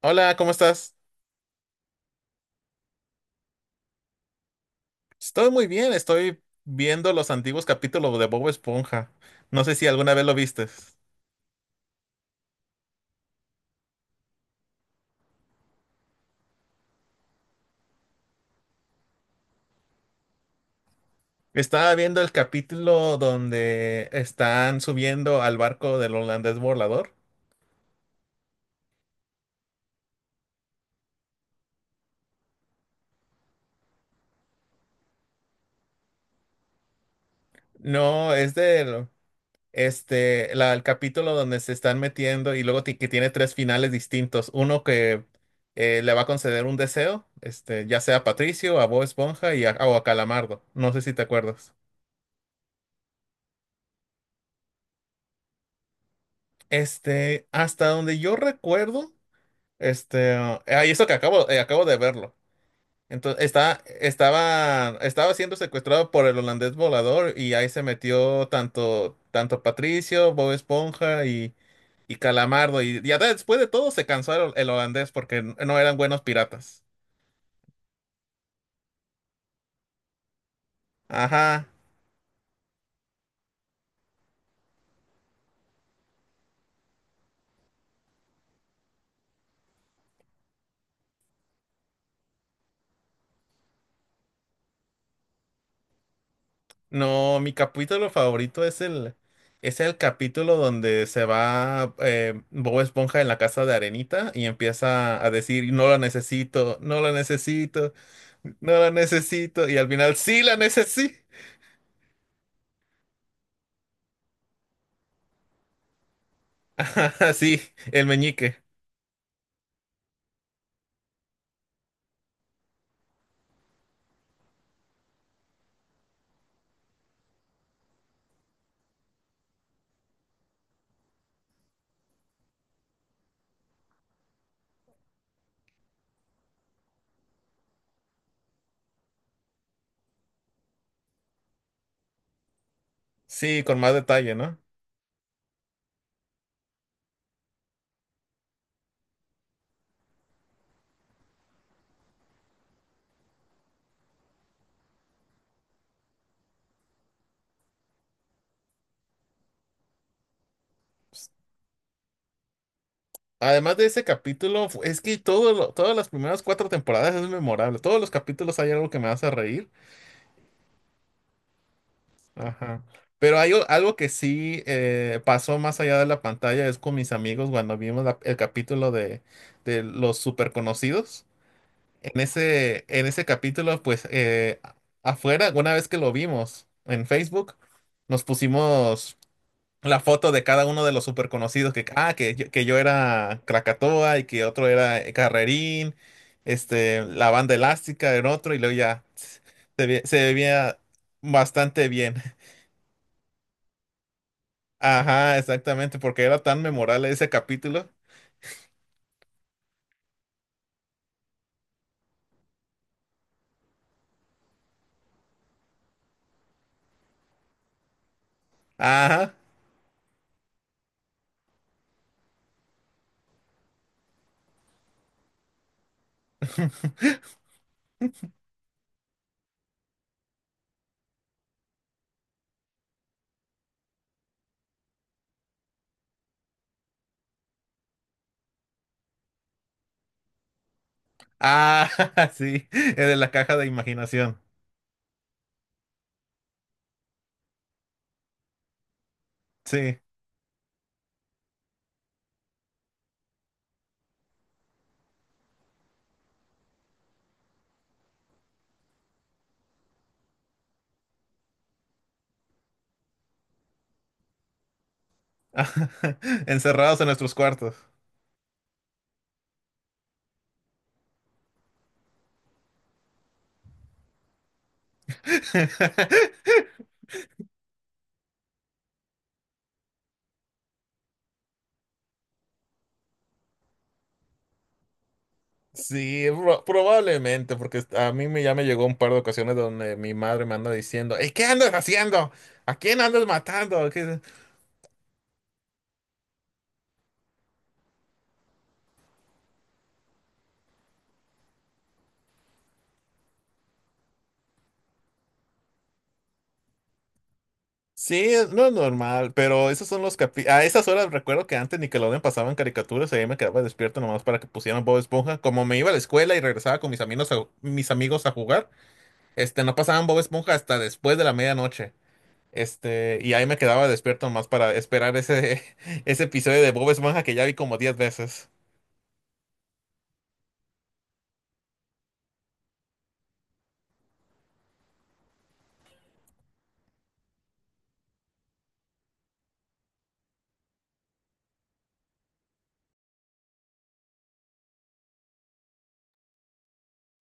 Hola, ¿cómo estás? Estoy muy bien, estoy viendo los antiguos capítulos de Bob Esponja. No sé si alguna vez lo vistes. Estaba viendo el capítulo donde están subiendo al barco del holandés volador. No, es del, este, el capítulo donde se están metiendo y luego que tiene tres finales distintos. Uno que le va a conceder un deseo, este, ya sea a Patricio, a Bob Esponja y a, o a Calamardo. No sé si te acuerdas. Este, hasta donde yo recuerdo. Este, y eso que acabo de verlo. Entonces, estaba siendo secuestrado por el holandés volador y ahí se metió tanto Patricio, Bob Esponja y Calamardo. Y ya después de todo se cansó el holandés porque no eran buenos piratas. Ajá. No, mi capítulo favorito es el capítulo donde se va Bob Esponja en la casa de Arenita y empieza a decir, no lo necesito, no lo necesito. No la necesito. Y al final, sí la necesito. Ajá, sí, el meñique. Sí, con más detalle, ¿no? Además de ese capítulo, es que todas las primeras cuatro temporadas es memorable. Todos los capítulos hay algo que me hace reír. Ajá. Pero hay algo que sí pasó más allá de la pantalla, es con mis amigos cuando vimos el capítulo de los super conocidos. En ese capítulo, pues afuera, una vez que lo vimos en Facebook, nos pusimos la foto de cada uno de los super conocidos que yo era Krakatoa y que otro era Carrerín, este, la banda elástica era otro y luego ya se veía bastante bien. Ajá, exactamente, porque era tan memorable ese capítulo. Ajá. Ah, sí, el de la caja de imaginación. Sí. Encerrados en nuestros cuartos. Sí, probablemente, porque a mí me, ya me llegó un par de ocasiones donde mi madre me anda diciendo, "Ey, ¿qué andas haciendo? ¿A quién andas matando? ¿Qué-" Sí, no es normal, pero esos son a esas horas recuerdo que antes Nickelodeon pasaban caricaturas y ahí me quedaba despierto nomás para que pusieran Bob Esponja. Como me iba a la escuela y regresaba con mis amigos a jugar, este, no pasaban Bob Esponja hasta después de la medianoche. Este, y ahí me quedaba despierto nomás para esperar ese, ese episodio de Bob Esponja que ya vi como 10 veces.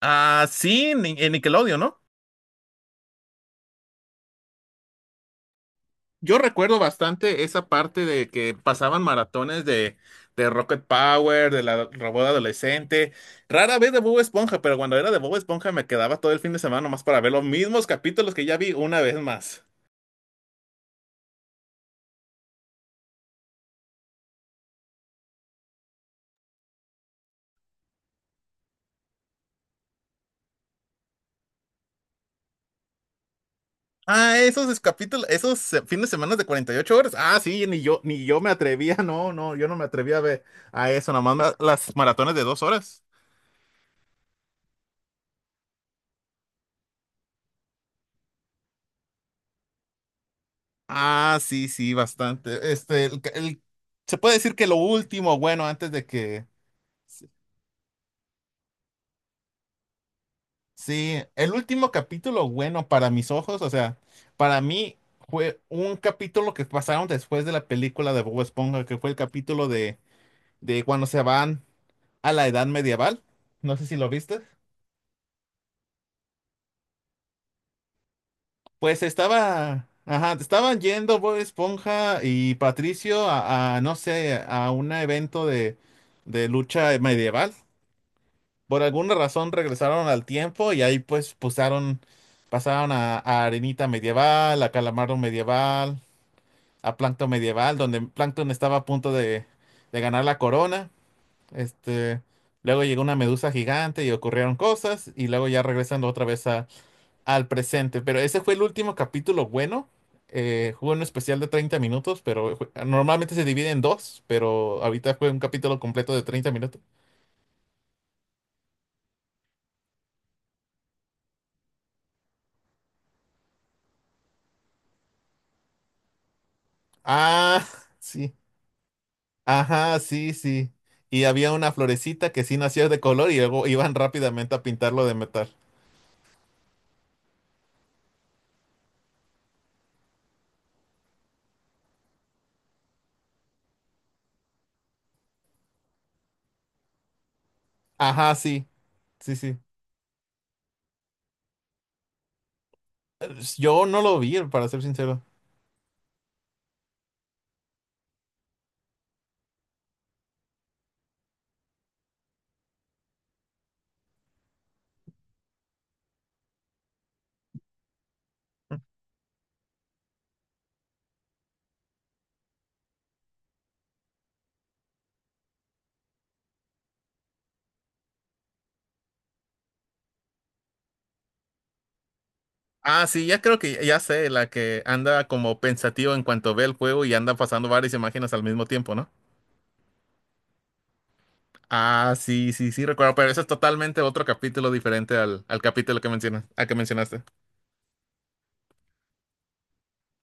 Ah, sí, en Nickelodeon, ¿no? Yo recuerdo bastante esa parte de que pasaban maratones de Rocket Power, de la robot adolescente. Rara vez de Bob Esponja, pero cuando era de Bob Esponja me quedaba todo el fin de semana nomás para ver los mismos capítulos que ya vi una vez más. Ah, esos fines de semana de 48 horas. Ah, sí, ni yo me atrevía, no, no, yo no me atrevía a ver a eso, las maratones de 2 horas. Ah, sí, sí, bastante. Este, se puede decir que lo último, bueno, antes de que... Sí, el último capítulo, bueno, para mis ojos, o sea, para mí fue un capítulo que pasaron después de la película de Bob Esponja, que fue el capítulo de cuando se van a la edad medieval. No sé si lo viste. Pues ajá, estaban yendo Bob Esponja y Patricio a, no sé, a un evento de lucha medieval. Por alguna razón regresaron al tiempo y ahí pues pasaron a, Arenita Medieval, a Calamardo Medieval, a Plankton Medieval, donde Plankton estaba a punto de ganar la corona. Este, luego llegó una medusa gigante y ocurrieron cosas y luego ya regresando otra vez al presente. Pero ese fue el último capítulo bueno. Fue un especial de 30 minutos, pero normalmente se divide en dos, pero ahorita fue un capítulo completo de 30 minutos. Ah, sí. Ajá, sí, sí. Y había una florecita que sí nacía de color y luego iban rápidamente a pintarlo de metal. Ajá, sí, sí, sí. Yo no lo vi, para ser sincero. Ah, sí, ya creo que ya sé, la que anda como pensativo en cuanto ve el juego y anda pasando varias imágenes al mismo tiempo, ¿no? Ah, sí, sí, sí, recuerdo, pero eso es totalmente otro capítulo diferente al capítulo que mencionas, al que mencionaste.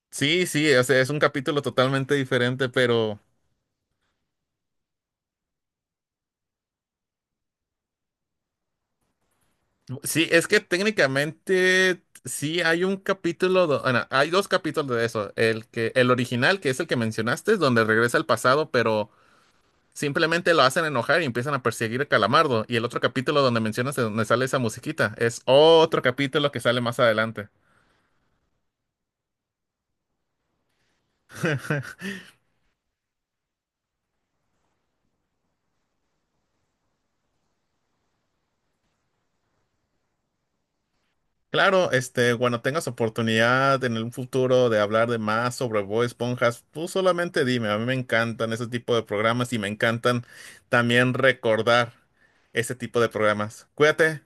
Sí, sí, o sea, es un capítulo totalmente diferente, pero sí, es que técnicamente sí hay un capítulo, bueno, hay dos capítulos de eso. El original, que es el que mencionaste, es donde regresa al pasado, pero simplemente lo hacen enojar y empiezan a perseguir a Calamardo. Y el otro capítulo donde mencionas de donde sale esa musiquita, es otro capítulo que sale más adelante. Claro, este, cuando tengas oportunidad en un futuro de hablar de más sobre Bob Esponja, tú solamente dime, a mí me encantan ese tipo de programas y me encantan también recordar ese tipo de programas. Cuídate.